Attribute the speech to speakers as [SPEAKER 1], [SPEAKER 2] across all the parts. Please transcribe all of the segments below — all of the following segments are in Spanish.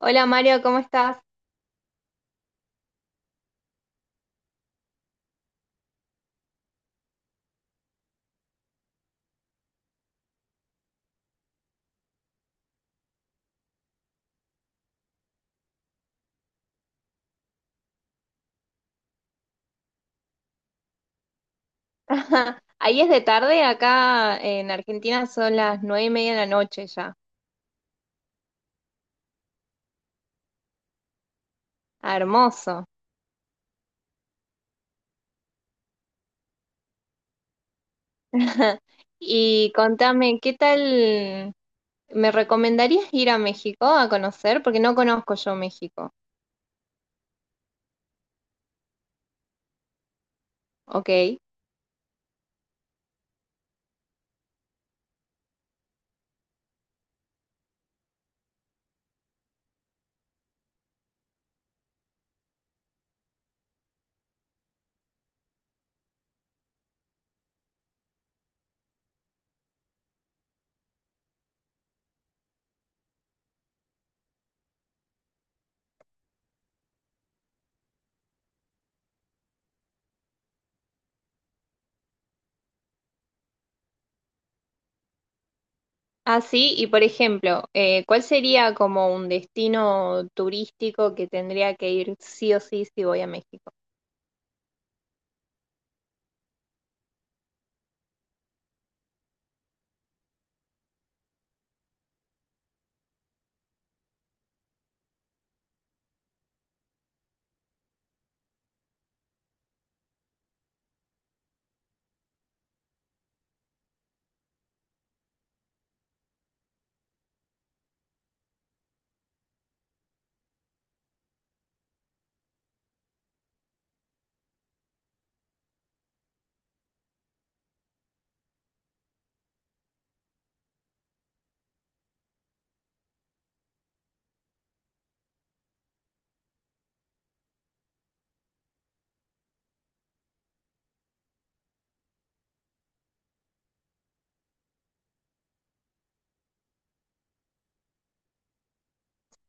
[SPEAKER 1] Hola Mario, ¿cómo estás? Ahí es de tarde, acá en Argentina son las 9 y media de la noche ya. Ah, hermoso. Y contame, ¿qué tal? ¿Me recomendarías ir a México a conocer? Porque no conozco yo México. Ok. Ah, sí, y por ejemplo, ¿cuál sería como un destino turístico que tendría que ir sí o sí si voy a México?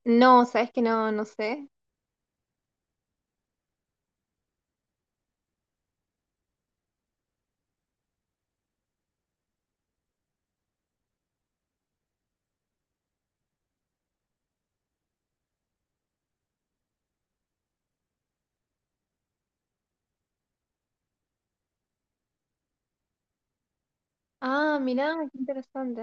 [SPEAKER 1] No, sabes que no, no sé. Ah, mirá, qué interesante.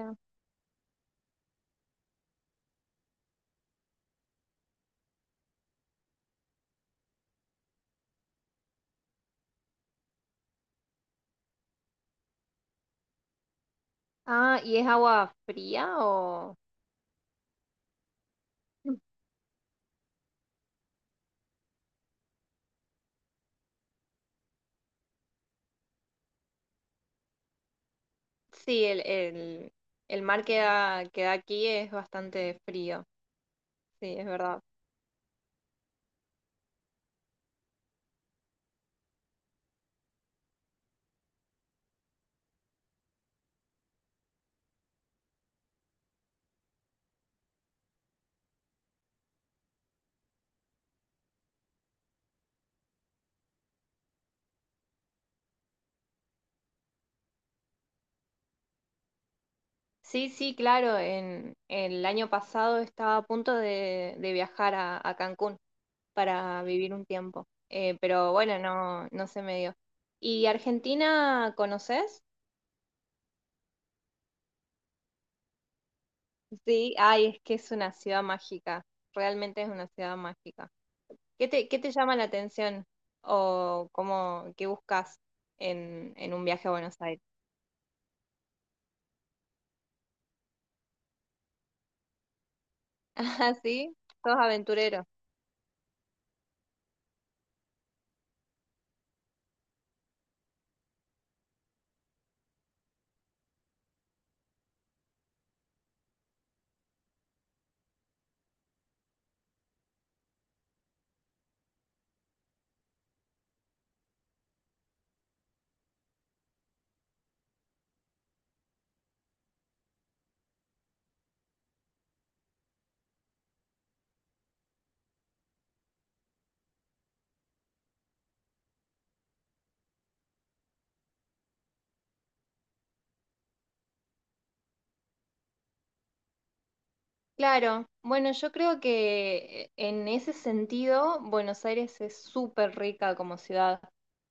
[SPEAKER 1] Ah, ¿y es agua fría o...? Sí, el mar que da aquí es bastante frío, sí, es verdad. Sí, sí, claro, en, el año pasado estaba a punto de viajar a Cancún para vivir un tiempo, pero bueno, no, no se me dio. ¿Y Argentina conoces? Sí, ay, es que es una ciudad mágica, realmente es una ciudad mágica. Qué te llama la atención o cómo, qué buscas en un viaje a Buenos Aires? Ah, sí, sos aventurero. Claro, bueno, yo creo que en ese sentido Buenos Aires es súper rica como ciudad,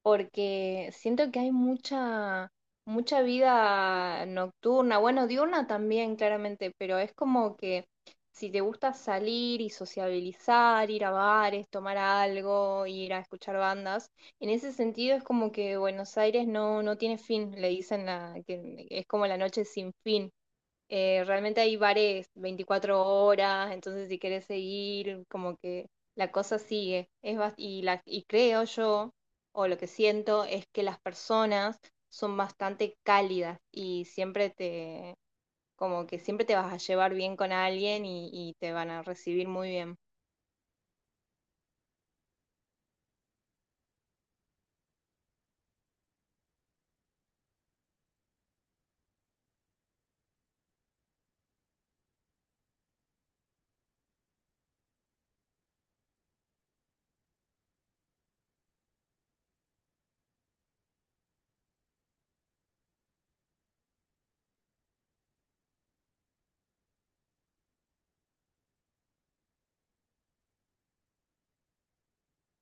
[SPEAKER 1] porque siento que hay mucha, mucha vida nocturna, bueno, diurna también, claramente, pero es como que si te gusta salir y sociabilizar, ir a bares, tomar algo, ir a escuchar bandas, en ese sentido es como que Buenos Aires no, no tiene fin, le dicen la, que es como la noche sin fin. Realmente hay bares 24 horas, entonces si querés seguir, como que la cosa sigue. Es bas- y, la, y creo yo, o lo que siento, es que las personas son bastante cálidas y siempre te, como que siempre te vas a llevar bien con alguien y te van a recibir muy bien.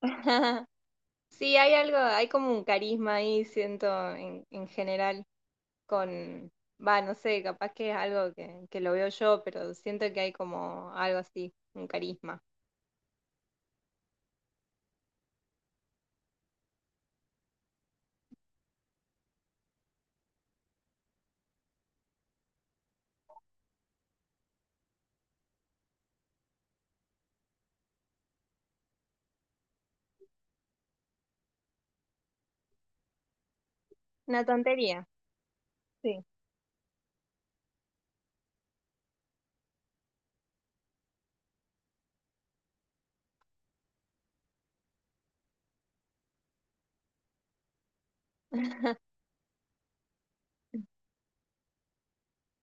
[SPEAKER 1] Sí, hay algo, hay como un carisma ahí, siento, en general. Con, va, no sé, capaz que es algo que lo veo yo, pero siento que hay como algo así, un carisma. Una tontería, sí.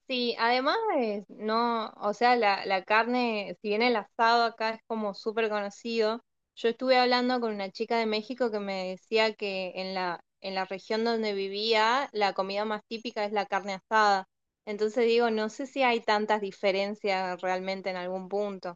[SPEAKER 1] Sí, además es, no, o sea, la carne, si bien el asado acá es como súper conocido, yo estuve hablando con una chica de México que me decía que en en la región donde vivía, la comida más típica es la carne asada. Entonces digo, no sé si hay tantas diferencias realmente en algún punto.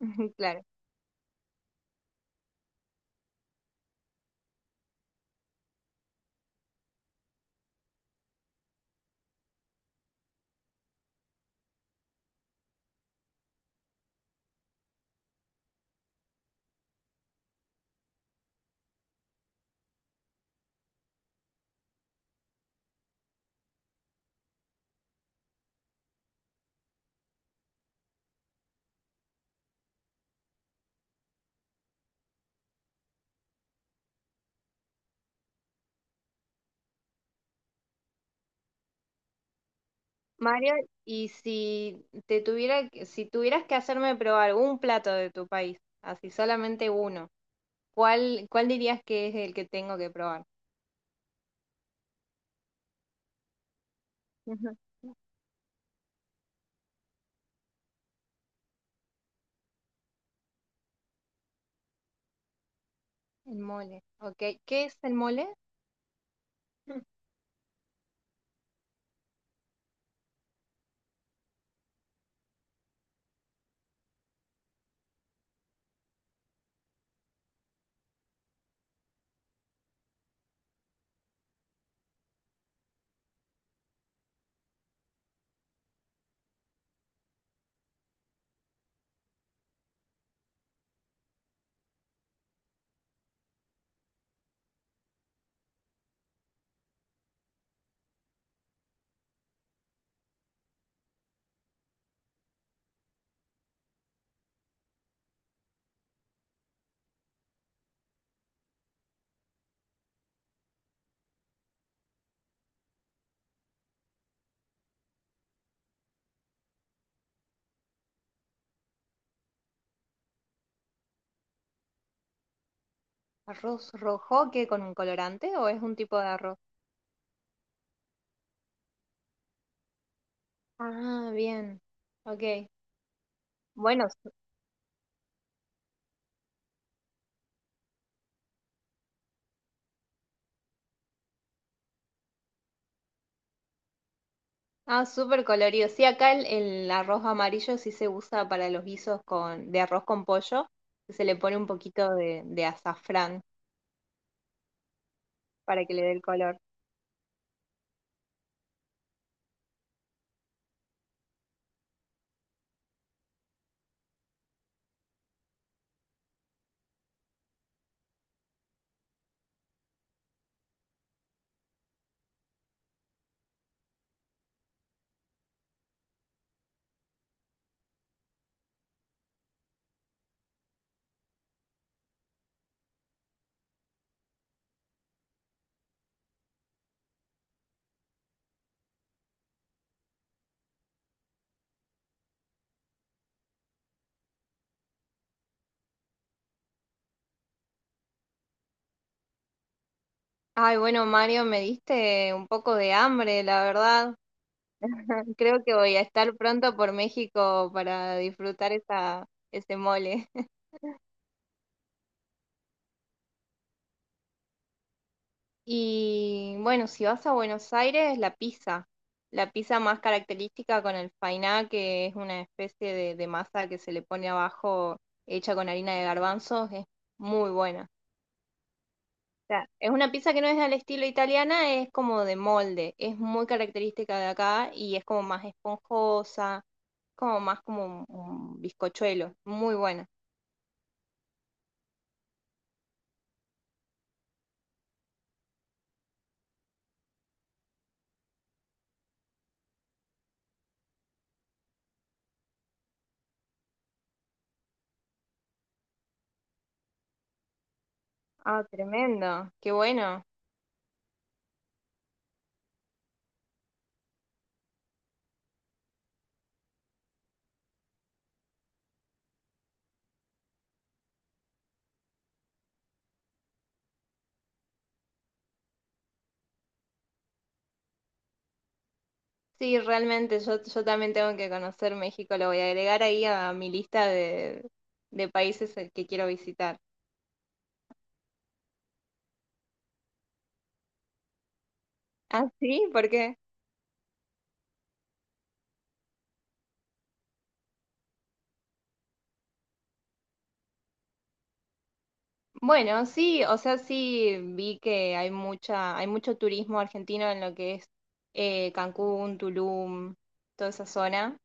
[SPEAKER 1] Claro. Mario, y si te tuviera, que- si tuvieras que hacerme probar un plato de tu país, así solamente uno, ¿cuál, cuál dirías que es el que tengo que probar? Ujú. El mole, ok. ¿Qué es el mole? Mm. ¿Arroz rojo que con un colorante o es un tipo de arroz? Ah, bien. Ok. Bueno, su- ah, súper colorido. Sí, acá el arroz amarillo sí se usa para los guisos con, de arroz con pollo, que se le pone un poquito de azafrán para que le dé el color. Ay, bueno, Mario, me diste un poco de hambre, la verdad. Creo que voy a estar pronto por México para disfrutar esa, ese mole. Y bueno, si vas a Buenos Aires, la pizza. La pizza más característica con el fainá, que es una especie de masa que se le pone abajo hecha con harina de garbanzos, es muy buena. Sea, es una pizza que no es al estilo italiana, es como de molde, es muy característica de acá y es como más esponjosa, como más como un bizcochuelo, muy buena. Ah, tremendo, qué bueno. Sí, realmente yo, yo también tengo que conocer México, lo voy a agregar ahí a mi lista de países que quiero visitar. Ah, sí, ¿por qué? Bueno, sí, o sea, sí vi que hay mucha, hay mucho turismo argentino en lo que es Cancún, Tulum, toda esa zona.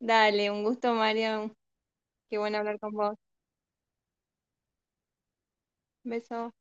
[SPEAKER 1] Dale, un gusto, Mario. Qué bueno hablar con vos. Beso.